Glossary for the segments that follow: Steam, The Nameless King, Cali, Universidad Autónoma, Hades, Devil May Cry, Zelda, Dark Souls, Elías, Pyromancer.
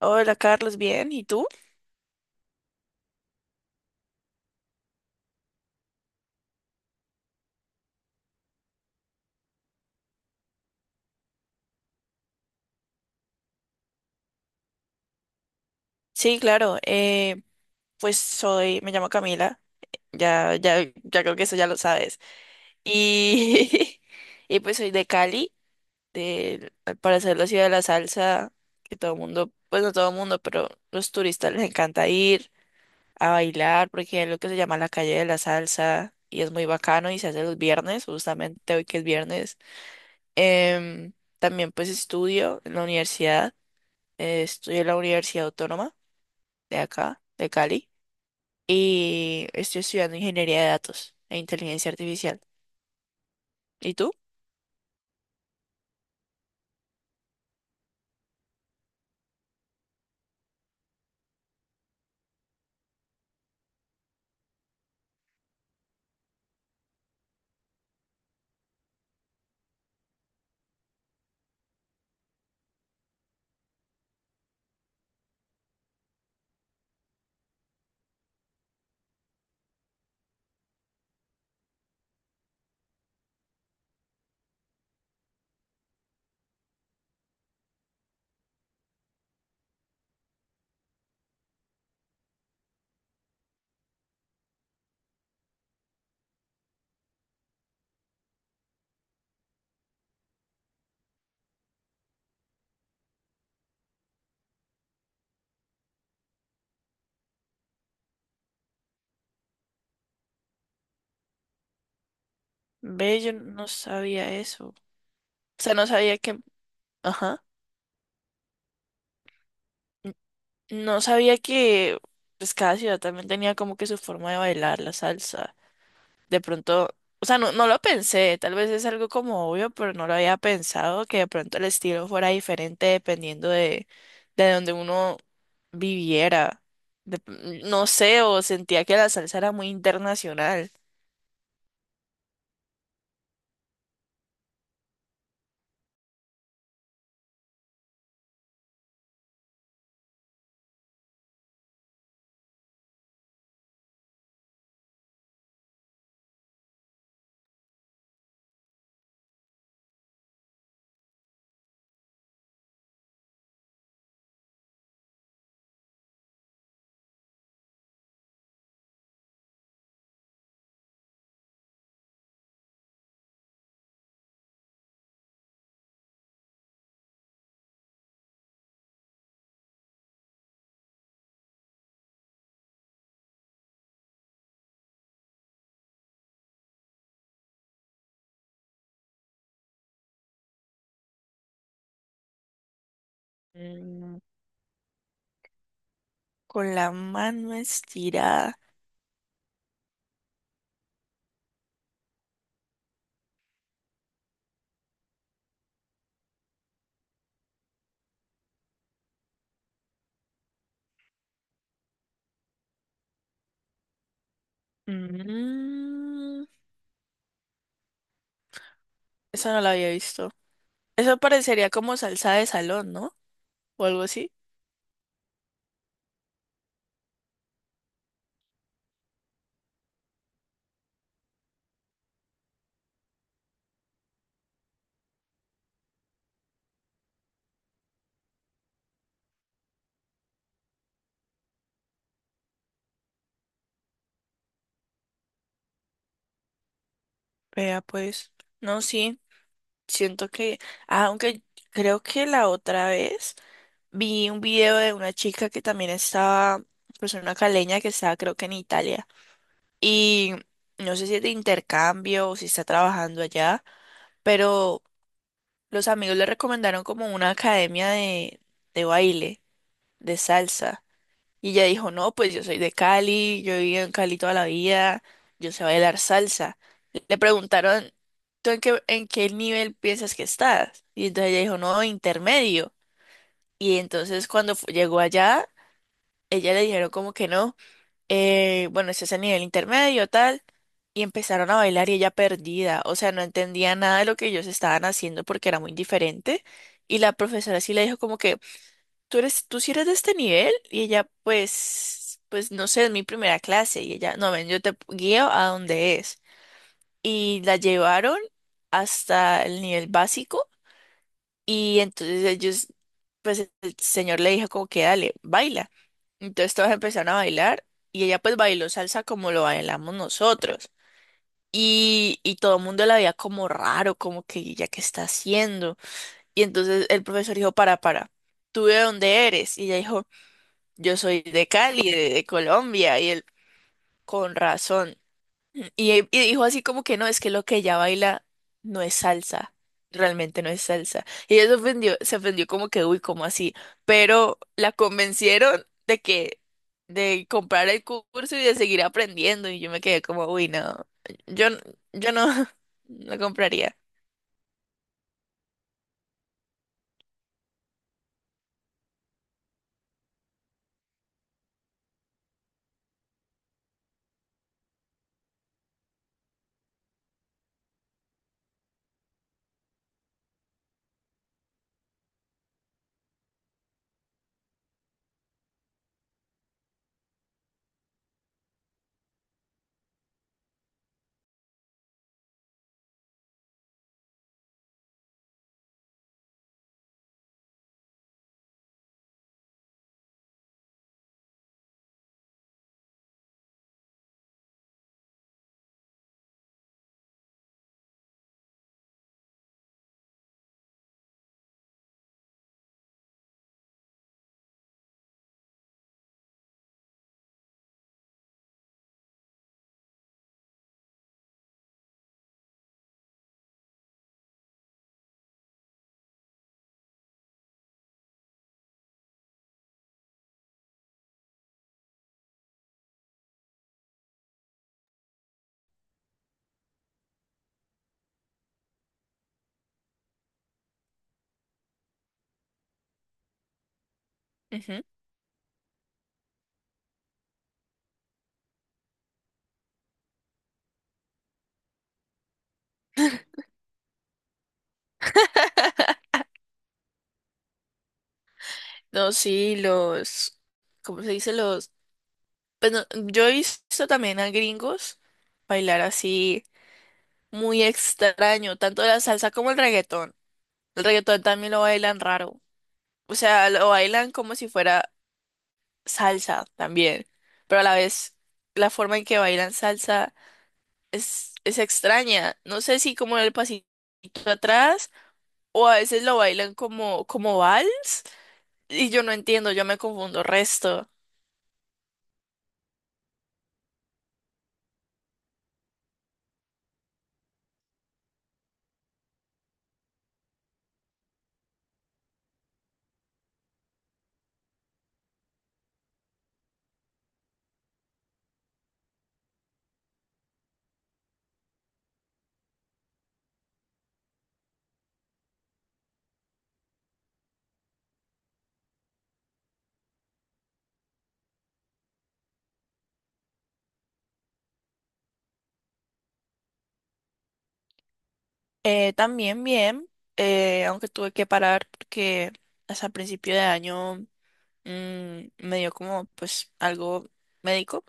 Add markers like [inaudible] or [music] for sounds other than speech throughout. Hola Carlos, bien, ¿y tú? Sí, claro, pues me llamo Camila, ya, creo que eso ya lo sabes. Y, [laughs] y pues soy de Cali, de, para ser la ciudad de la salsa, que todo el mundo, pues no todo el mundo, pero los turistas les encanta ir a bailar, porque es lo que se llama la calle de la salsa, y es muy bacano, y se hace los viernes, justamente hoy que es viernes. Em, también pues estudio en la universidad, estudio en la Universidad Autónoma de acá, de Cali, y estoy estudiando ingeniería de datos e inteligencia artificial. ¿Y tú? Ve, yo no sabía eso. O sea, no sabía que, ajá, n- no sabía que pues cada ciudad también tenía como que su forma de bailar la salsa. De pronto, o sea, no lo pensé, tal vez es algo como obvio, pero no lo había pensado que de pronto el estilo fuera diferente dependiendo de donde uno viviera. de- no sé, o sentía que la salsa era muy internacional. Mm, con la mano estirada. Mm, eso no lo había visto. Eso parecería como salsa de salón, ¿no? O algo así. Vea, pues. No, sí. Siento que ah, aunque creo que la otra vez vi un video de una chica que también estaba. Pues una caleña que estaba, creo que en Italia. Y no sé si es de intercambio o si está trabajando allá. Pero los amigos le recomendaron como una academia de baile, de salsa. Y ella dijo, no, pues yo soy de Cali, yo he vivido en Cali toda la vida, yo sé bailar salsa. Le preguntaron, ¿tú en qué nivel piensas que estás? Y entonces ella dijo, no, intermedio. Y entonces cuando llegó allá, ella le dijeron como que no, bueno, este es el nivel intermedio, tal. Y empezaron a bailar y ella perdida, o sea, no entendía nada de lo que ellos estaban haciendo porque era muy diferente. Y la profesora sí le dijo como que, tú eres, tú sí eres de este nivel y ella pues, pues no sé, es mi primera clase y ella, no, ven, yo te guío a donde es. Y la llevaron hasta el nivel básico y entonces ellos, pues el señor le dijo como que dale, baila. Entonces todos empezaron a bailar y ella pues bailó salsa como lo bailamos nosotros. Y todo el mundo la veía como raro, como que ella qué está haciendo. Y entonces el profesor dijo, para, ¿tú de dónde eres? Y ella dijo, yo soy de Cali, de Colombia, y él, con razón. Y dijo así como que no, es que lo que ella baila no es salsa, realmente no es salsa. Y ella se ofendió como que, uy, ¿como así? Pero la convencieron de comprar el curso y de seguir aprendiendo, y yo me quedé como, uy, no, yo, n- yo no, [laughs] no compraría. Ujú. No, sí, los, ¿cómo se dice? Los, pues no, yo he visto también a gringos bailar así muy extraño, tanto la salsa como el reggaetón. El reggaetón también lo bailan raro. O sea, lo bailan como si fuera salsa también, pero a la vez la forma en que bailan salsa es extraña. No sé si como el pasito atrás o a veces lo bailan como, como vals y yo no entiendo, yo me confundo resto. También bien, aunque tuve que parar porque hasta principio de año me dio como pues algo médico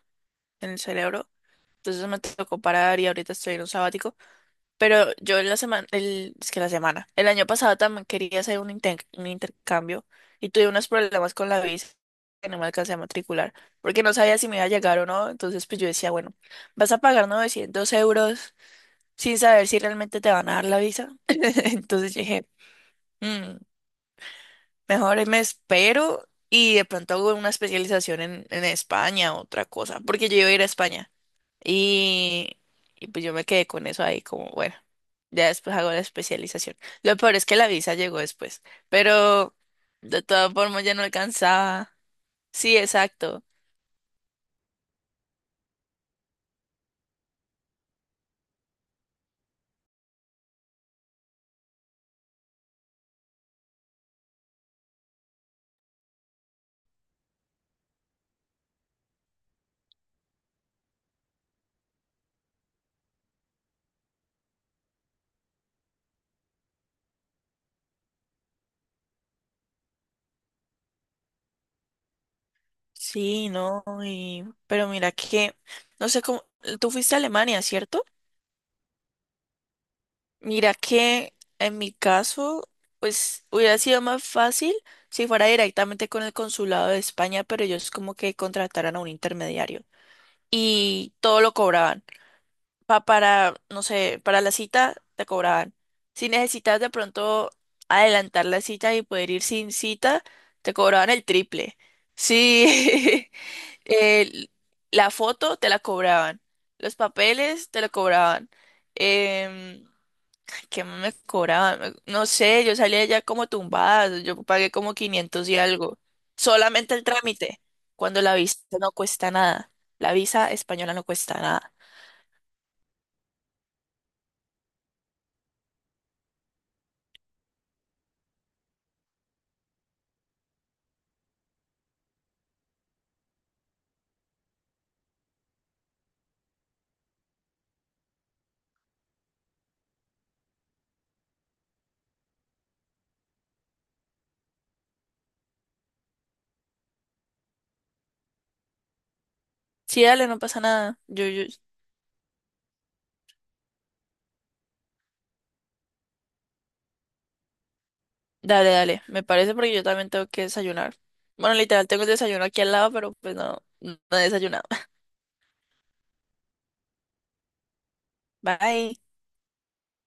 en el cerebro. Entonces me tocó parar y ahorita estoy en un sabático. Pero yo en la semana, el, es que la semana, el año pasado también quería hacer un, un intercambio y tuve unos problemas con la visa que no me alcancé a matricular porque no sabía si me iba a llegar o no. Entonces pues yo decía, bueno, vas a pagar 900 euros sin saber si realmente te van a dar la visa. [laughs] Entonces yo dije... "Mm, mejor ahí me espero y de pronto hago una especialización en España, otra cosa, porque yo iba a ir a España y, y pues yo me quedé con eso ahí como, bueno, ya después hago la especialización. Lo peor es que la visa llegó después, pero de todas formas ya no alcanzaba. Sí, exacto. Sí, no, y, pero mira que, no sé cómo, tú fuiste a Alemania, ¿cierto? Mira que en mi caso, pues hubiera sido más fácil si fuera directamente con el consulado de España, pero ellos como que contrataran a un intermediario y todo lo cobraban. Para, no sé, para la cita te cobraban. Si necesitas de pronto adelantar la cita y poder ir sin cita, te cobraban el triple. Sí, [laughs] el- la foto te la cobraban, los papeles te la cobraban. em, ¿Qué más me cobraban? No sé, yo salía ya como tumbada, yo pagué como 500 y algo. Solamente el trámite, cuando la visa no cuesta nada. La visa española no cuesta nada. Sí, dale, no pasa nada. Dale, dale, me parece porque yo también tengo que desayunar. Bueno, literal, tengo el desayuno aquí al lado, pero pues no, no he desayunado. [laughs] Bye.